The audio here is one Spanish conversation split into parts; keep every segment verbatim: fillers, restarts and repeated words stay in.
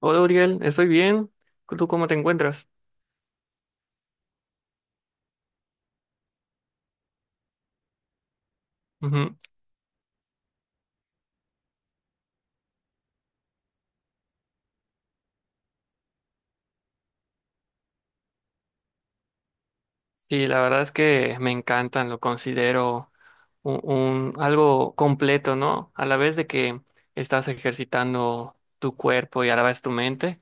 Hola, Uriel, estoy bien. ¿Tú cómo te encuentras? Ujú. Sí, la verdad es que me encantan, lo considero un, un- algo completo, ¿no? A la vez de que estás ejercitando tu cuerpo y a la vez tu mente,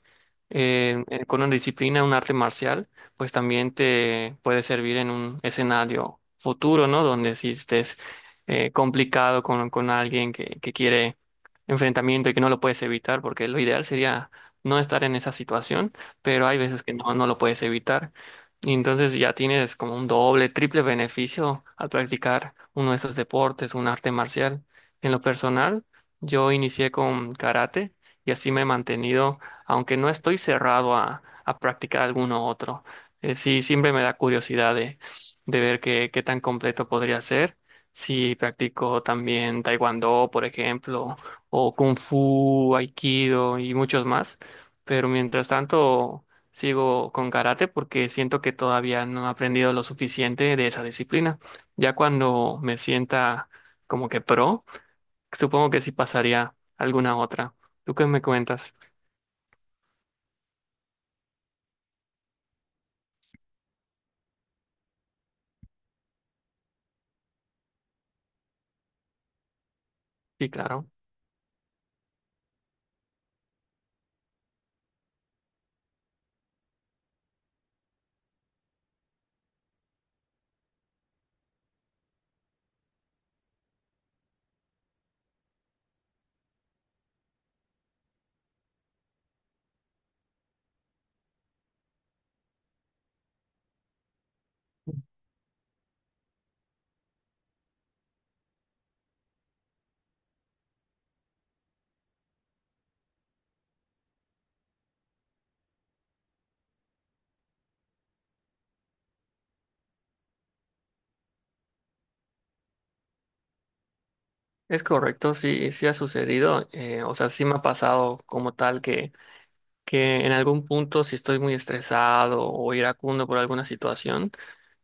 eh, eh, con una disciplina, un arte marcial, pues también te puede servir en un escenario futuro, ¿no? Donde si estés eh, complicado con, con alguien que, que quiere enfrentamiento y que no lo puedes evitar, porque lo ideal sería no estar en esa situación, pero hay veces que no, no lo puedes evitar. Y entonces ya tienes como un doble, triple beneficio al practicar uno de esos deportes, un arte marcial. En lo personal, yo inicié con karate y así me he mantenido, aunque no estoy cerrado a, a practicar alguno otro. Eh, sí, siempre me da curiosidad de, de ver qué, qué tan completo podría ser. Si practico también taekwondo, por ejemplo, o kung fu, aikido y muchos más. Pero mientras tanto sigo con karate porque siento que todavía no he aprendido lo suficiente de esa disciplina. Ya cuando me sienta como que pro, supongo que sí pasaría a alguna otra. ¿Tú qué me cuentas? Sí, claro. Es correcto, sí, sí ha sucedido. Eh, o sea, sí me ha pasado como tal que. que en algún punto, si estoy muy estresado o iracundo por alguna situación,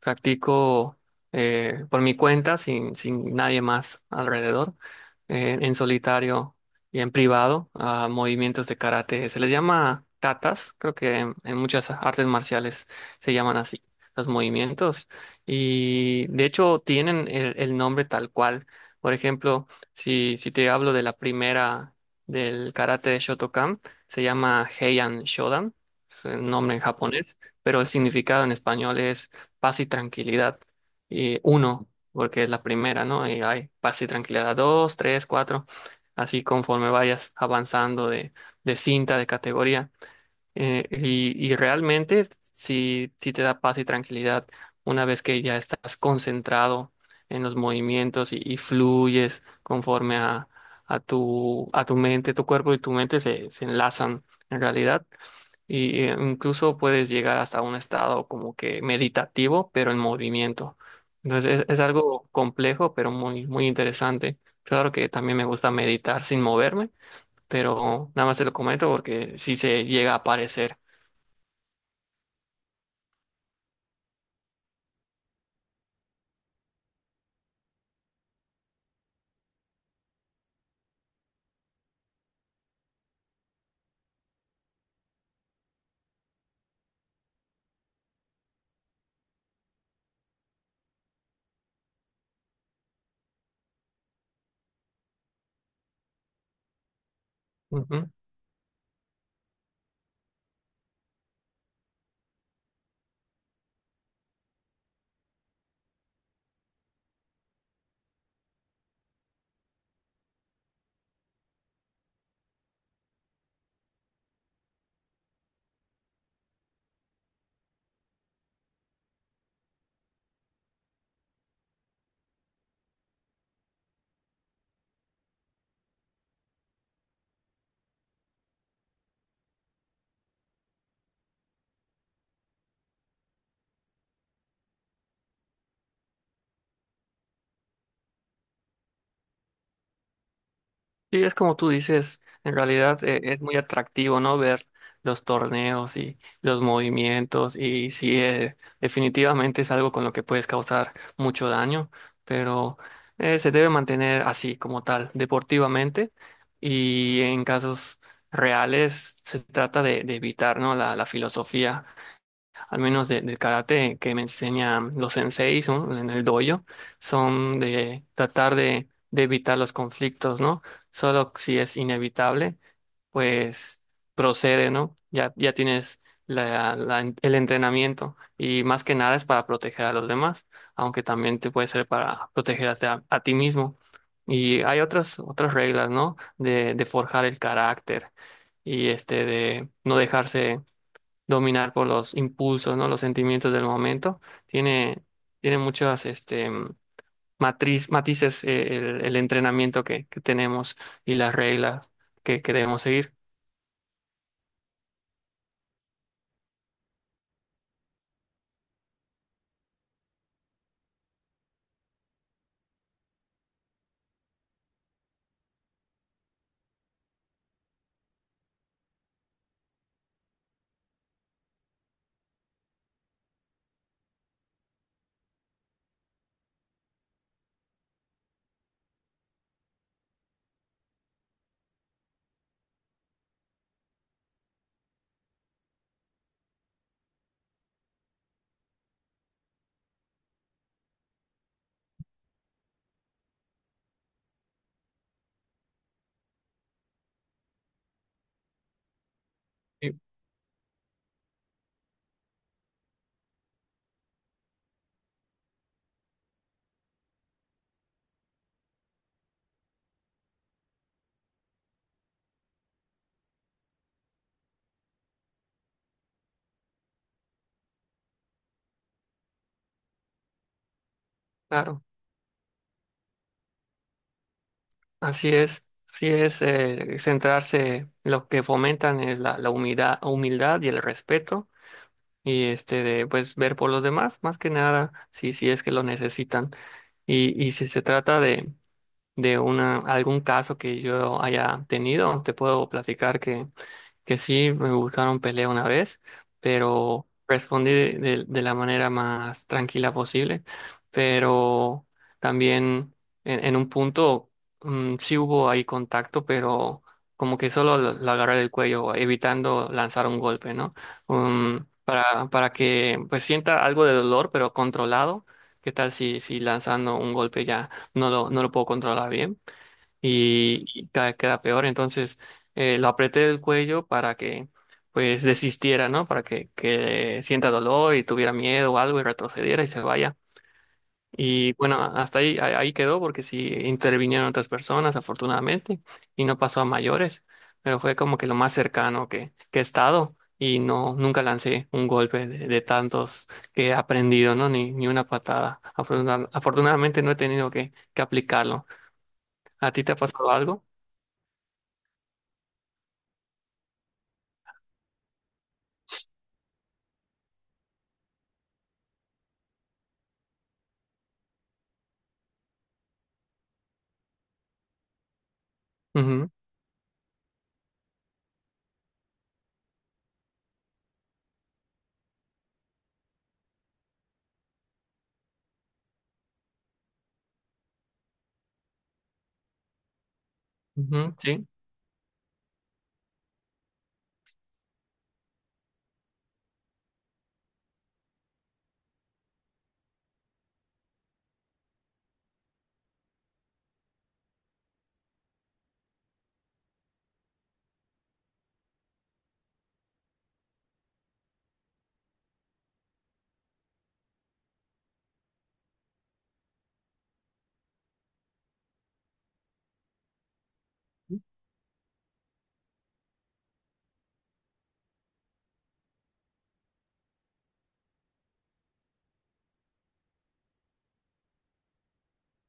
practico eh, por mi cuenta, sin, sin nadie más alrededor, eh, en solitario y en privado, a movimientos de karate. Se les llama katas, creo que en, en muchas artes marciales se llaman así. Los movimientos y de hecho tienen el, el nombre tal cual. Por ejemplo, si, si te hablo de la primera del karate de Shotokan, se llama Heian Shodan, es el nombre en japonés, pero el significado en español es paz y tranquilidad. Y uno, porque es la primera, ¿no? Y hay paz y tranquilidad dos, tres, cuatro, así conforme vayas avanzando de, de cinta, de categoría. Eh, y, y realmente sí, sí te da paz y tranquilidad una vez que ya estás concentrado en los movimientos y, y fluyes conforme a, a tu, a tu mente, tu cuerpo y tu mente se, se enlazan en realidad. Y eh, incluso puedes llegar hasta un estado como que meditativo, pero en movimiento. Entonces es, es algo complejo, pero muy, muy interesante. Claro que también me gusta meditar sin moverme, pero nada más te lo comento porque si se llega a aparecer. Ujú. Y es como tú dices, en realidad eh, es muy atractivo, ¿no? Ver los torneos y los movimientos y sí, eh, definitivamente es algo con lo que puedes causar mucho daño, pero eh, se debe mantener así como tal, deportivamente y en casos reales se trata de, de evitar, ¿no? La, la filosofía al menos de, del karate que me enseñan los senseis, ¿no? En el dojo, son de tratar de, de evitar los conflictos, ¿no? Solo si es inevitable, pues procede, ¿no? Ya, ya tienes la- la- el entrenamiento y más que nada es para proteger a los demás, aunque también te puede ser para proteger a, a ti mismo. Y hay otras, otras reglas, ¿no? De, de forjar el carácter y este de no dejarse dominar por los impulsos, ¿no? Los sentimientos del momento. Tiene, tiene muchas este, mm, matriz, matices eh, el, el entrenamiento que, que tenemos y las reglas que, que debemos seguir. Sí. Claro, así es. Así es, eh, centrarse, lo que fomentan es la, la humildad, humildad y el respeto y este de pues ver por los demás, más que nada, si, si es que lo necesitan. Y, y si se trata de de una, algún caso que yo haya tenido. Te puedo platicar que, que sí, me buscaron pelea una vez, pero respondí de, de- de la manera más tranquila posible. Pero también en, en un punto mm, sí hubo ahí contacto, pero como que solo lo, lo agarré el cuello, evitando lanzar un golpe, ¿no? Um, para, para que pues sienta algo de dolor, pero controlado. ¿Qué tal si, si lanzando un golpe ya? No lo, no lo puedo controlar bien y, y cada- vez queda peor. Entonces eh, lo apreté del cuello para que pues desistiera, ¿no? Para que, que sienta dolor y tuviera miedo o algo y retrocediera y se vaya. Y bueno, hasta ahí, ahí ahí quedó porque sí intervinieron otras personas, afortunadamente, y no pasó a mayores, pero fue como que lo más cercano que, que he estado y no, nunca lancé un golpe de, de tantos que he aprendido, ¿no? Ni, ni una patada. Afortuna- afortunadamente no he tenido que que aplicarlo. ¿A ti te ha pasado algo? Ujú, ujú, sí.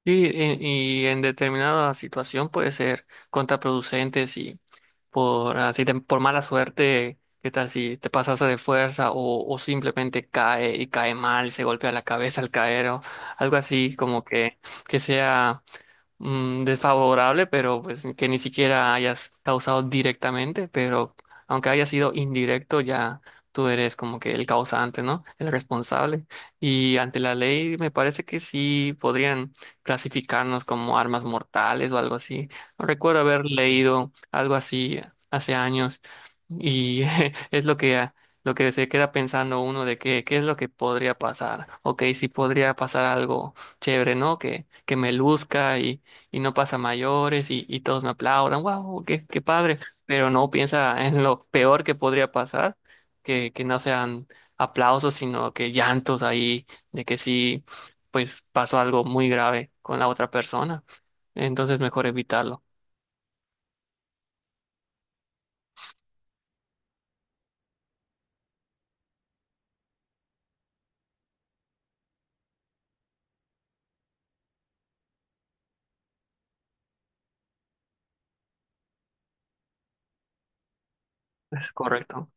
Sí, en- y en determinada situación puede ser contraproducente si por así te- por mala suerte, qué tal si te pasaste de fuerza o, o simplemente cae y cae mal, se golpea la cabeza al caer o algo así como que, que sea mm, desfavorable, pero pues que ni siquiera hayas causado directamente, pero aunque haya sido indirecto, ya tú eres como que el causante, ¿no? El responsable. Y ante la ley me parece que sí podrían clasificarnos como armas mortales o algo así. No recuerdo haber leído algo así hace años y es lo que, lo que se queda pensando uno de que, qué es lo que podría pasar. Ok, si podría pasar algo chévere, ¿no? Que, que me luzca y, y no pasa mayores y, y todos me aplaudan. ¡Wow! ¡Qué, qué padre! Pero no piensa en lo peor que podría pasar, que, que no sean aplausos, sino que llantos ahí, de que sí pues pasó algo muy grave con la otra persona. Entonces, mejor evitarlo. Es correcto.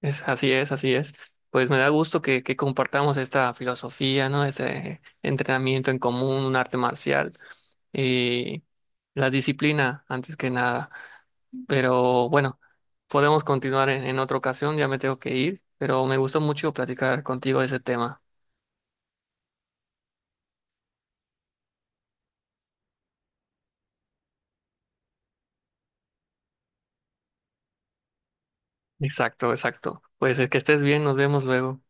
Es, así es, así es. Pues me da gusto que, que compartamos esta filosofía, ¿no? Este entrenamiento en común, un arte marcial y la disciplina antes que nada. Pero bueno, podemos continuar en, en otra ocasión, ya me tengo que ir, pero me gustó mucho platicar contigo de ese tema. Exacto, exacto. Pues es que estés bien, nos vemos luego.